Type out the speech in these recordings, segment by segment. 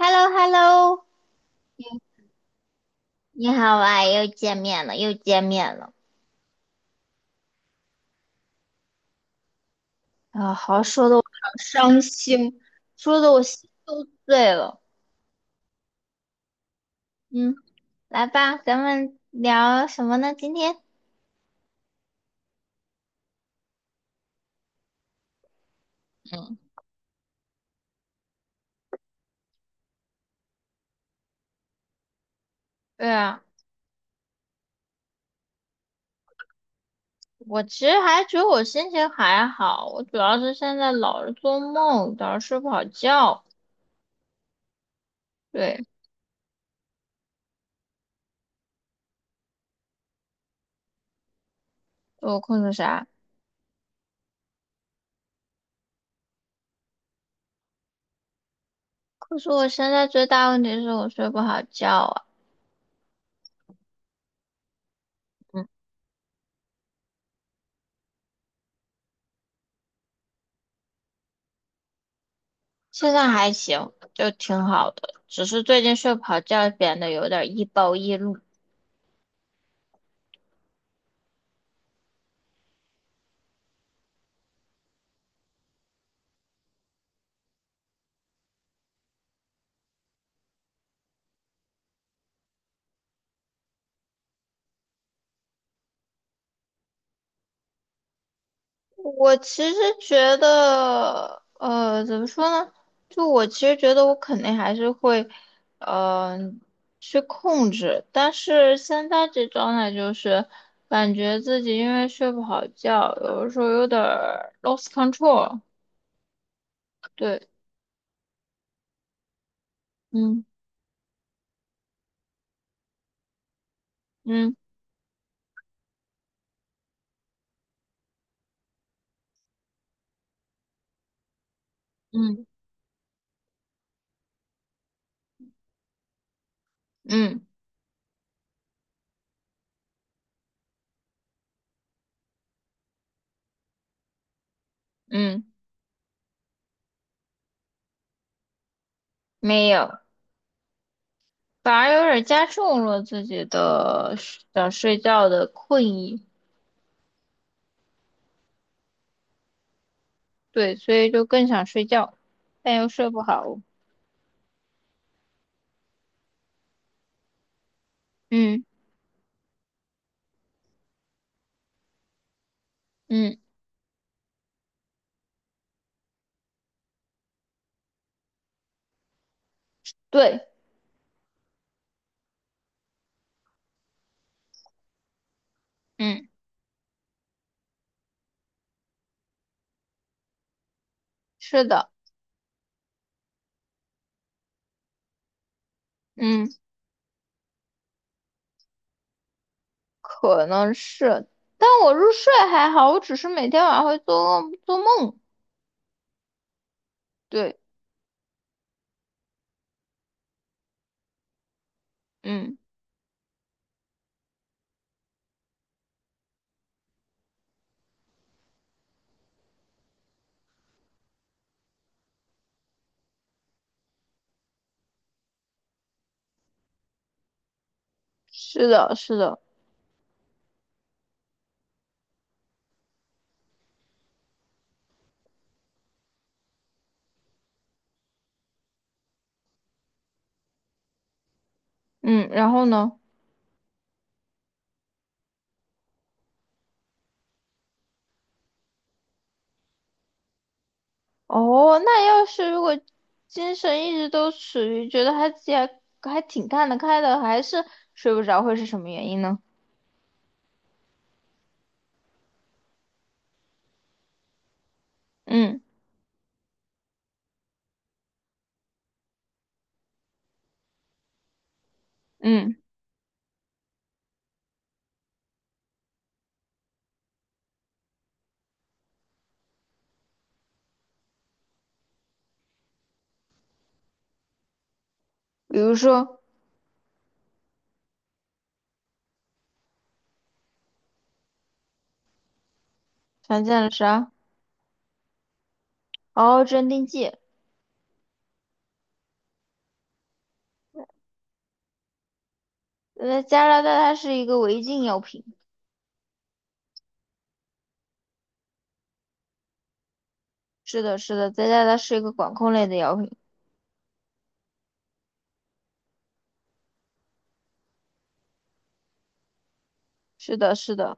h e l l o h e l l o 你好啊，又见面了，又见面了啊！好，说的我好伤心，说的我心都碎了。嗯，来吧，咱们聊什么呢？今天？对啊，我其实还觉得我心情还好，我主要是现在老是做梦，老是睡不好觉。对，我困个啥？可是我现在最大问题是我睡不好觉啊。嗯。现在还行，就挺好的，只是最近睡不好觉，变得有点易暴易怒。我其实觉得，怎么说呢？就我其实觉得我肯定还是会，嗯、去控制。但是现在这状态就是感觉自己因为睡不好觉，有的时候有点儿 lost control。对，嗯嗯嗯嗯嗯，没有。反而有点加重了自己的想睡觉的困意，对，所以就更想睡觉，但又睡不好。嗯嗯，对，嗯，是的，嗯，可能是，但我入睡还好，我只是每天晚上会做梦。对，嗯，是的，是的，嗯，然后呢？哦，那要是如果精神一直都处于觉得还自己还挺看得开的，还是睡不着，会是什么原因呢？嗯。嗯，比如说常见的啥？哦，镇定剂。加拿大它是一个违禁药品。是的，是的，在加拿大是一个管控类的药品。是的，是的。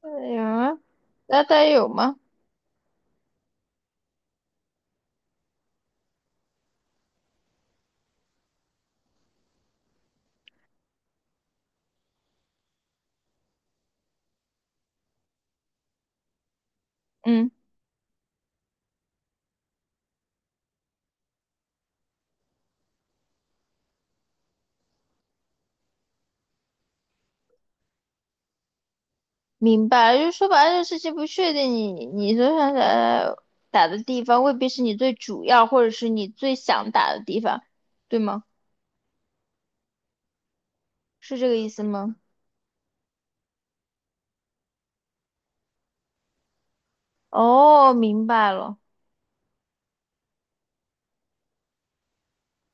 哎呀，那大有吗？嗯，明白了就是说白了，这个事情不确定你，你所想打的地方，未必是你最主要，或者是你最想打的地方，对吗？是这个意思吗？哦，明白了。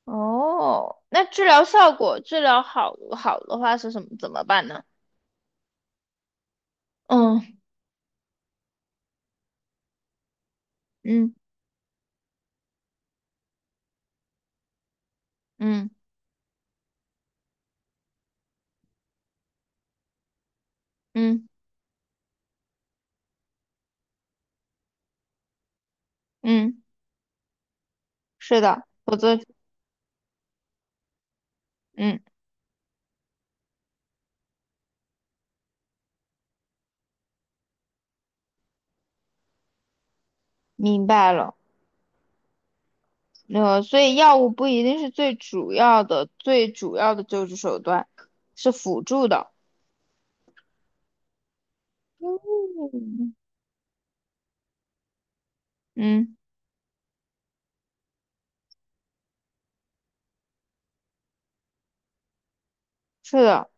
哦，那治疗效果，治疗好的话是什么？怎么办呢？嗯嗯嗯嗯嗯，是的，否则嗯，明白了。所以药物不一定是最主要的，最主要的救治手段是辅助的。嗯嗯，是的，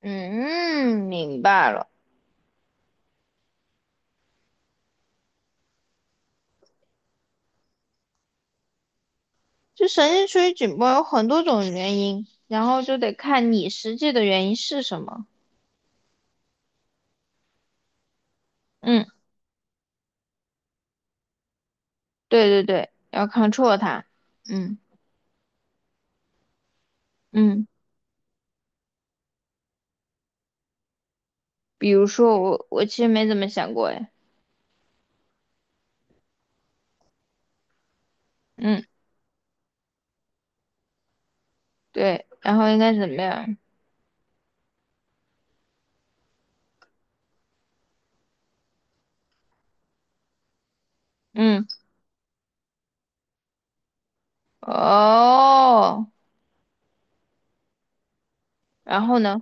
嗯，明白了。就神经处于紧绷有很多种原因，然后就得看你实际的原因是什么。嗯。对对对，要 control 它。嗯嗯，比如说我其实没怎么想过哎，嗯对，然后应该怎么样？嗯哦，然后呢？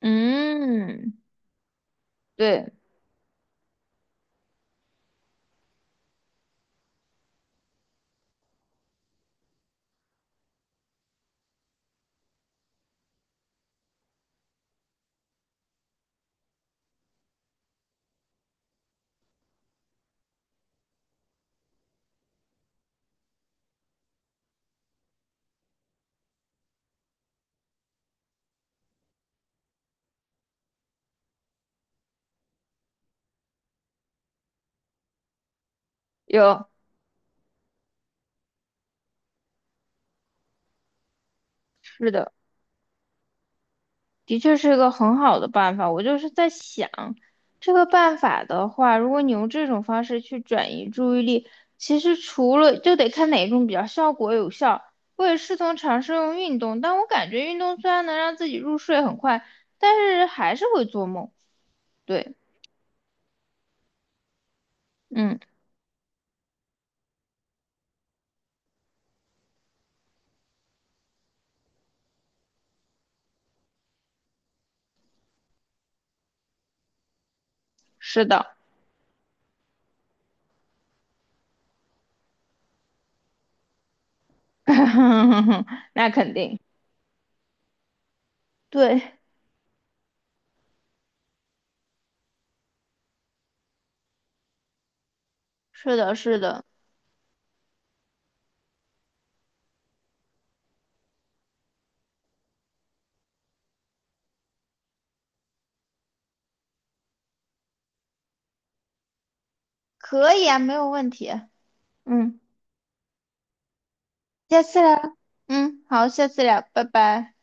嗯，对，有，是的。的确是个很好的办法。我就是在想，这个办法的话，如果你用这种方式去转移注意力，其实除了就得看哪种比较效果有效。我也试图尝试用运动，但我感觉运动虽然能让自己入睡很快，但是还是会做梦。对，嗯，是的，那肯定，对，是的，是的，可以啊，没有问题。嗯，下次聊。嗯，好，下次聊，拜拜。